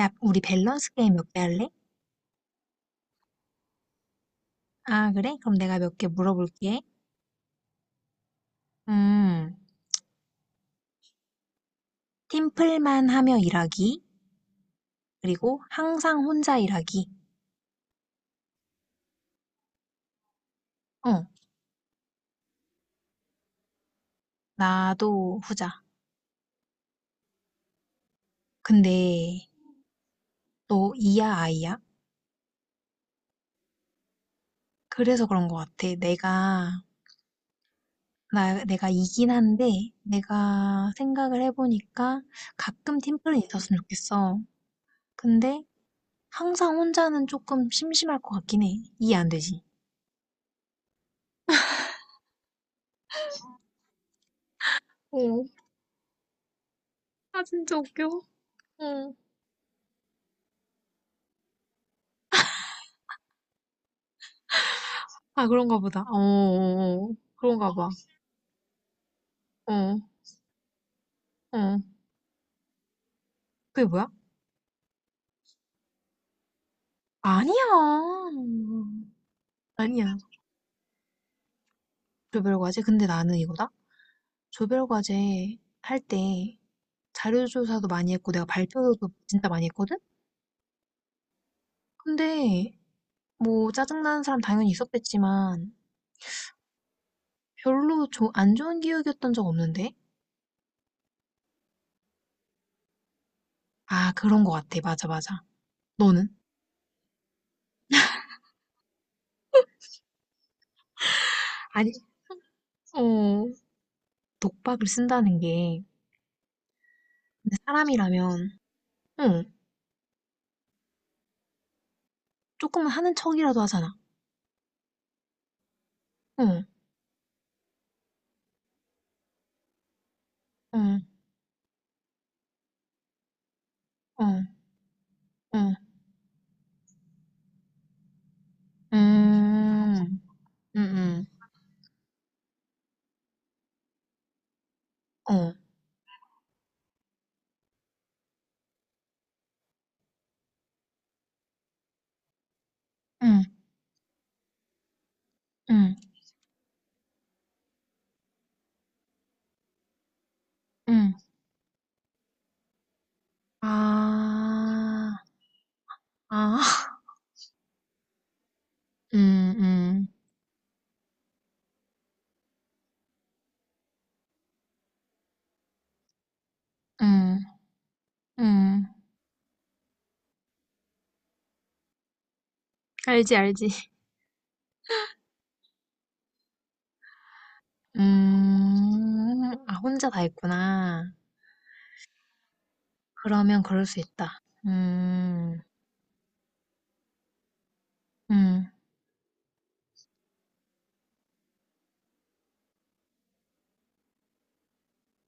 야, 우리 밸런스 게임 몇 개 할래? 아, 그래? 그럼 내가 몇 개 물어볼게. 음, 팀플만 하며 일하기, 그리고 항상 혼자 일하기. 어, 나도 후자. 근데 너 이야, 아이야? 그래서 그런 것 같아. 내가 이긴 한데, 내가 생각을 해보니까 가끔 팀플은 있었으면 좋겠어. 근데 항상 혼자는 조금 심심할 것 같긴 해. 이해 안 되지? 어, 아, 진짜 웃겨. 어. 아, 그런가 보다. 어, 어, 어. 그런가 봐. 어, 어. 그게 뭐야? 아니야. 아니야. 조별과제? 근데 나는 이거다. 조별과제 할 때 자료조사도 많이 했고 내가 발표도 진짜 많이 했거든? 근데 뭐 짜증나는 사람 당연히 있었겠지만 별로 안 좋은 기억이었던 적 없는데? 아, 그런 거 같아. 맞아, 맞아. 너는? 아니, 어, 독박을 쓴다는 게, 근데 사람이라면, 응, 조금은 하는 척이라도 하잖아. 응, 응, 응, 응, 음, 음, 음, 어, 응, 응, 응, 아, 아, 음, 음, 음, 음, 알지, 알지. 아, 혼자 다 했구나. 그러면 그럴 수 있다. 음, 음,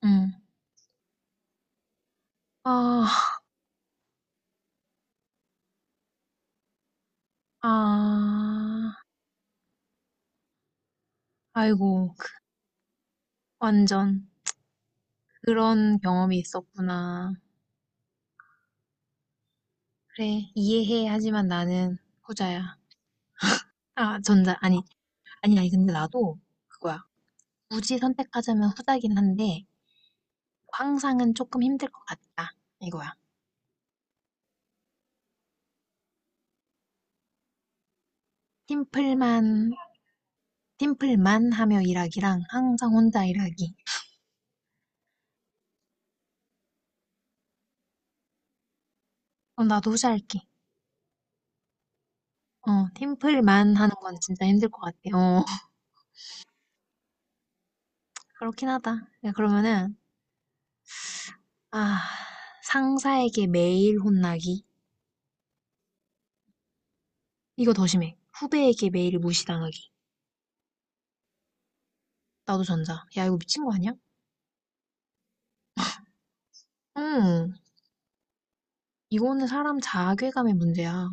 음, 아, 아, 아이고, 그- 완전 그런 경험이 있었구나. 그래, 이해해. 하지만 나는 후자야. 아, 전자, 아니, 아니, 아니, 근데 나도 그거야. 굳이 선택하자면 후자긴 한데, 항상은 조금 힘들 것 같다. 이거야. 팀플만, 팀플만 하며 일하기랑 항상 혼자 일하기. 어, 나도 후자할게. 어, 팀플만 하는 건 진짜 힘들 것 같아. 어, 그렇긴 하다. 야, 그러면은, 아, 상사에게 매일 혼나기. 이거 더 심해. 후배에게 매일 무시당하기. 나도 전자. 야, 이거 미친 거 아니야? 응. 이거는 사람 자괴감의 문제야.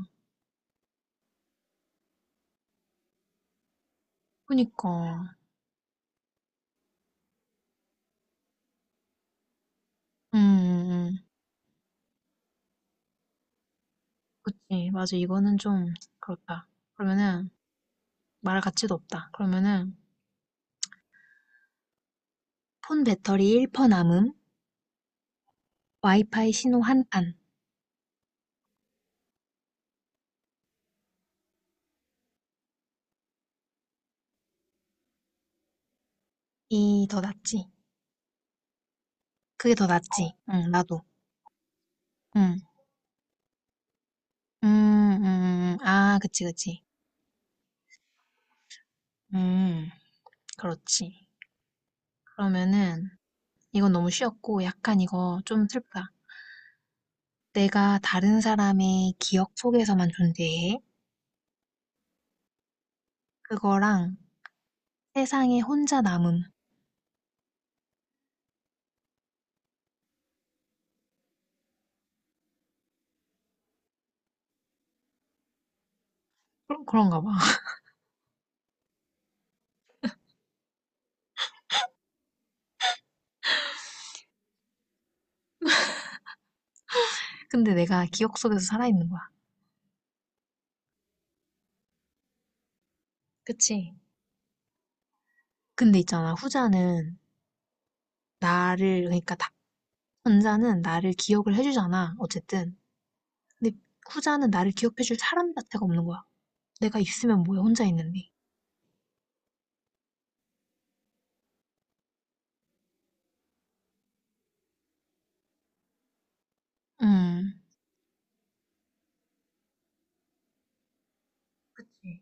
그니까. 음, 음, 음. 그치. 맞아. 이거는 좀 그렇다. 그러면은 말할 가치도 없다. 그러면은 폰 배터리 1% 남음, 와이파이 신호 한 판. 이 더 낫지. 그게 더 낫지. 응, 나도. 응. 아, 그치, 그치. 음, 그렇지. 그러면은 이건 너무 쉬웠고 약간 이거 좀 슬프다. 내가 다른 사람의 기억 속에서만 존재해. 그거랑 세상에 혼자 남음. 그런, 그런가 봐. 근데 내가 기억 속에서 살아있는 거야. 그치? 근데 있잖아, 후자는 나를, 그러니까 다, 전자는 나를 기억을 해주잖아, 어쨌든. 근데 후자는 나를 기억해줄 사람 자체가 없는 거야. 내가 있으면 뭐해, 혼자 있는데. 음, 그치.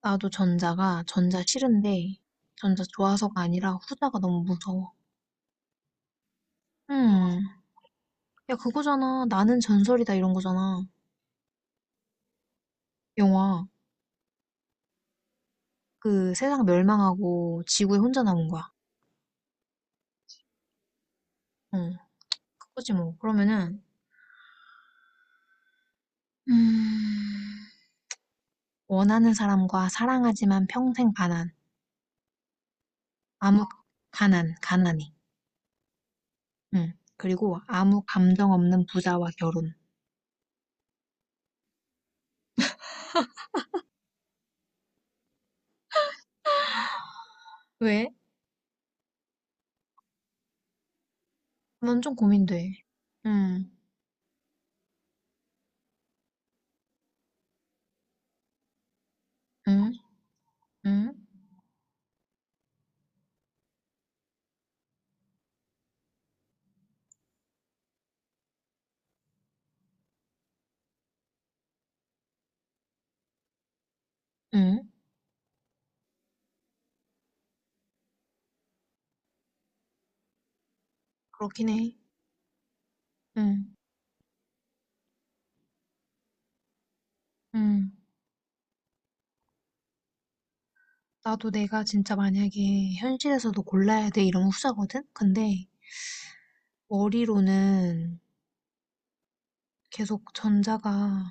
전자 싫은데, 전자 좋아서가 아니라 후자가 너무 무서워. 음, 야, 그거잖아. 나는 전설이다, 이런 거잖아. 영화. 그 세상 멸망하고 지구에 혼자 남은 거야. 응, 그거지 뭐. 그러면은, 음, 원하는 사람과 사랑하지만 평생 가난. 아무, 가난이. 응. 그리고 아무 감정 없는 부자와 결혼. 왜? 난 좀 고민돼. 응, 응, 응, 응. 그렇긴 해. 응, 응. 나도 내가 진짜 만약에 현실에서도 골라야 돼 이런 후자거든? 근데 머리로는 계속 전자가,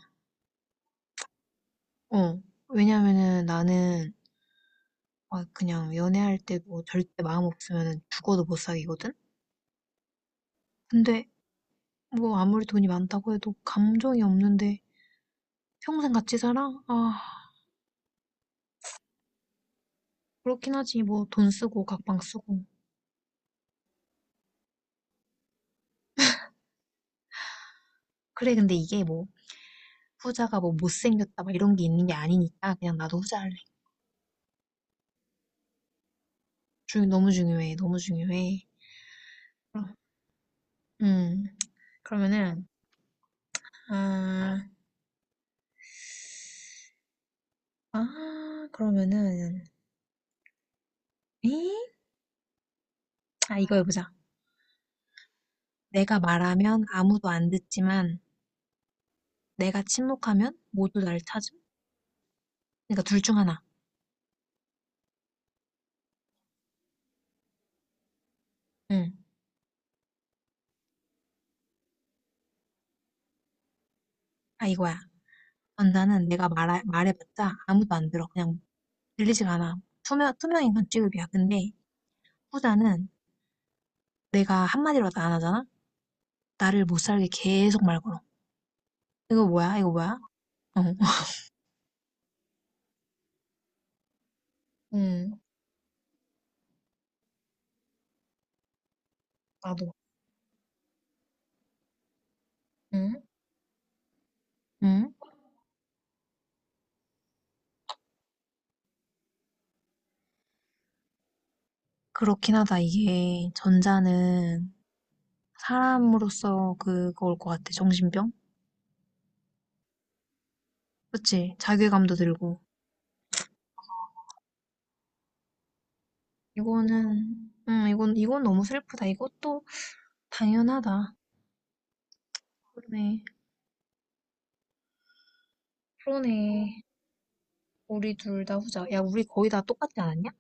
어. 왜냐면은 나는 아 그냥 연애할 때 뭐 절대 마음 없으면은 죽어도 못 사귀거든? 근데 뭐 아무리 돈이 많다고 해도 감정이 없는데 평생 같이 살아? 아, 그렇긴 하지. 뭐 돈 쓰고 각방 쓰고. 그래, 근데 이게 뭐 후자가 뭐 못생겼다 막 이런 게 있는 게 아니니까 그냥 나도 후자 할래. 너무 중요해. 너무 중요해. 그럼, 음, 그러면은, 아, 아, 그러면은, 에이? 아, 이거 해보자. 내가 말하면 아무도 안 듣지만 내가 침묵하면 모두 날 찾음? 그러니까 둘 중 하나. 응. 아 이거야. 전자는 말해봤자 아무도 안 들어. 그냥 들리지가 않아. 투명인간 취급이야. 근데 후자는 내가 한마디로도 안 하잖아? 나를 못 살게 계속 말 걸어. 이거 뭐야? 이거 뭐야? 어. 응. 나도. 응. 응? 그렇긴 하다. 이게 전자는 사람으로서 그거올 것 같아. 정신병? 그치? 자괴감도 들고. 이거는, 응 이건, 이건 너무 슬프다. 이것도 당연하다. 그러네. 그러네. 우리 둘 다 후자. 야, 우리 거의 다 똑같지 않았냐?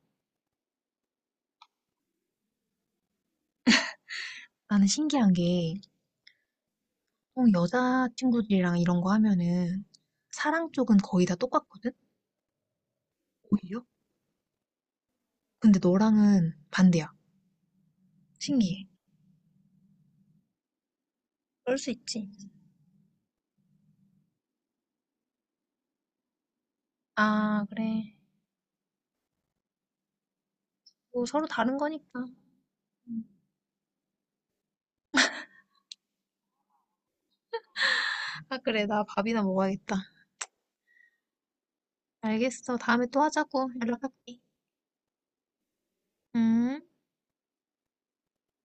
나는 신기한 게, 보통 여자 친구들이랑 이런 거 하면은, 사랑 쪽은 거의 다 똑같거든? 오히려? 근데 너랑은 반대야. 신기해. 그럴 수 있지. 아, 그래. 뭐 서로 다른 거니까. 음. 아, 그래. 나 밥이나 먹어야겠다. 알겠어. 다음에 또 하자고. 연락할게. 음.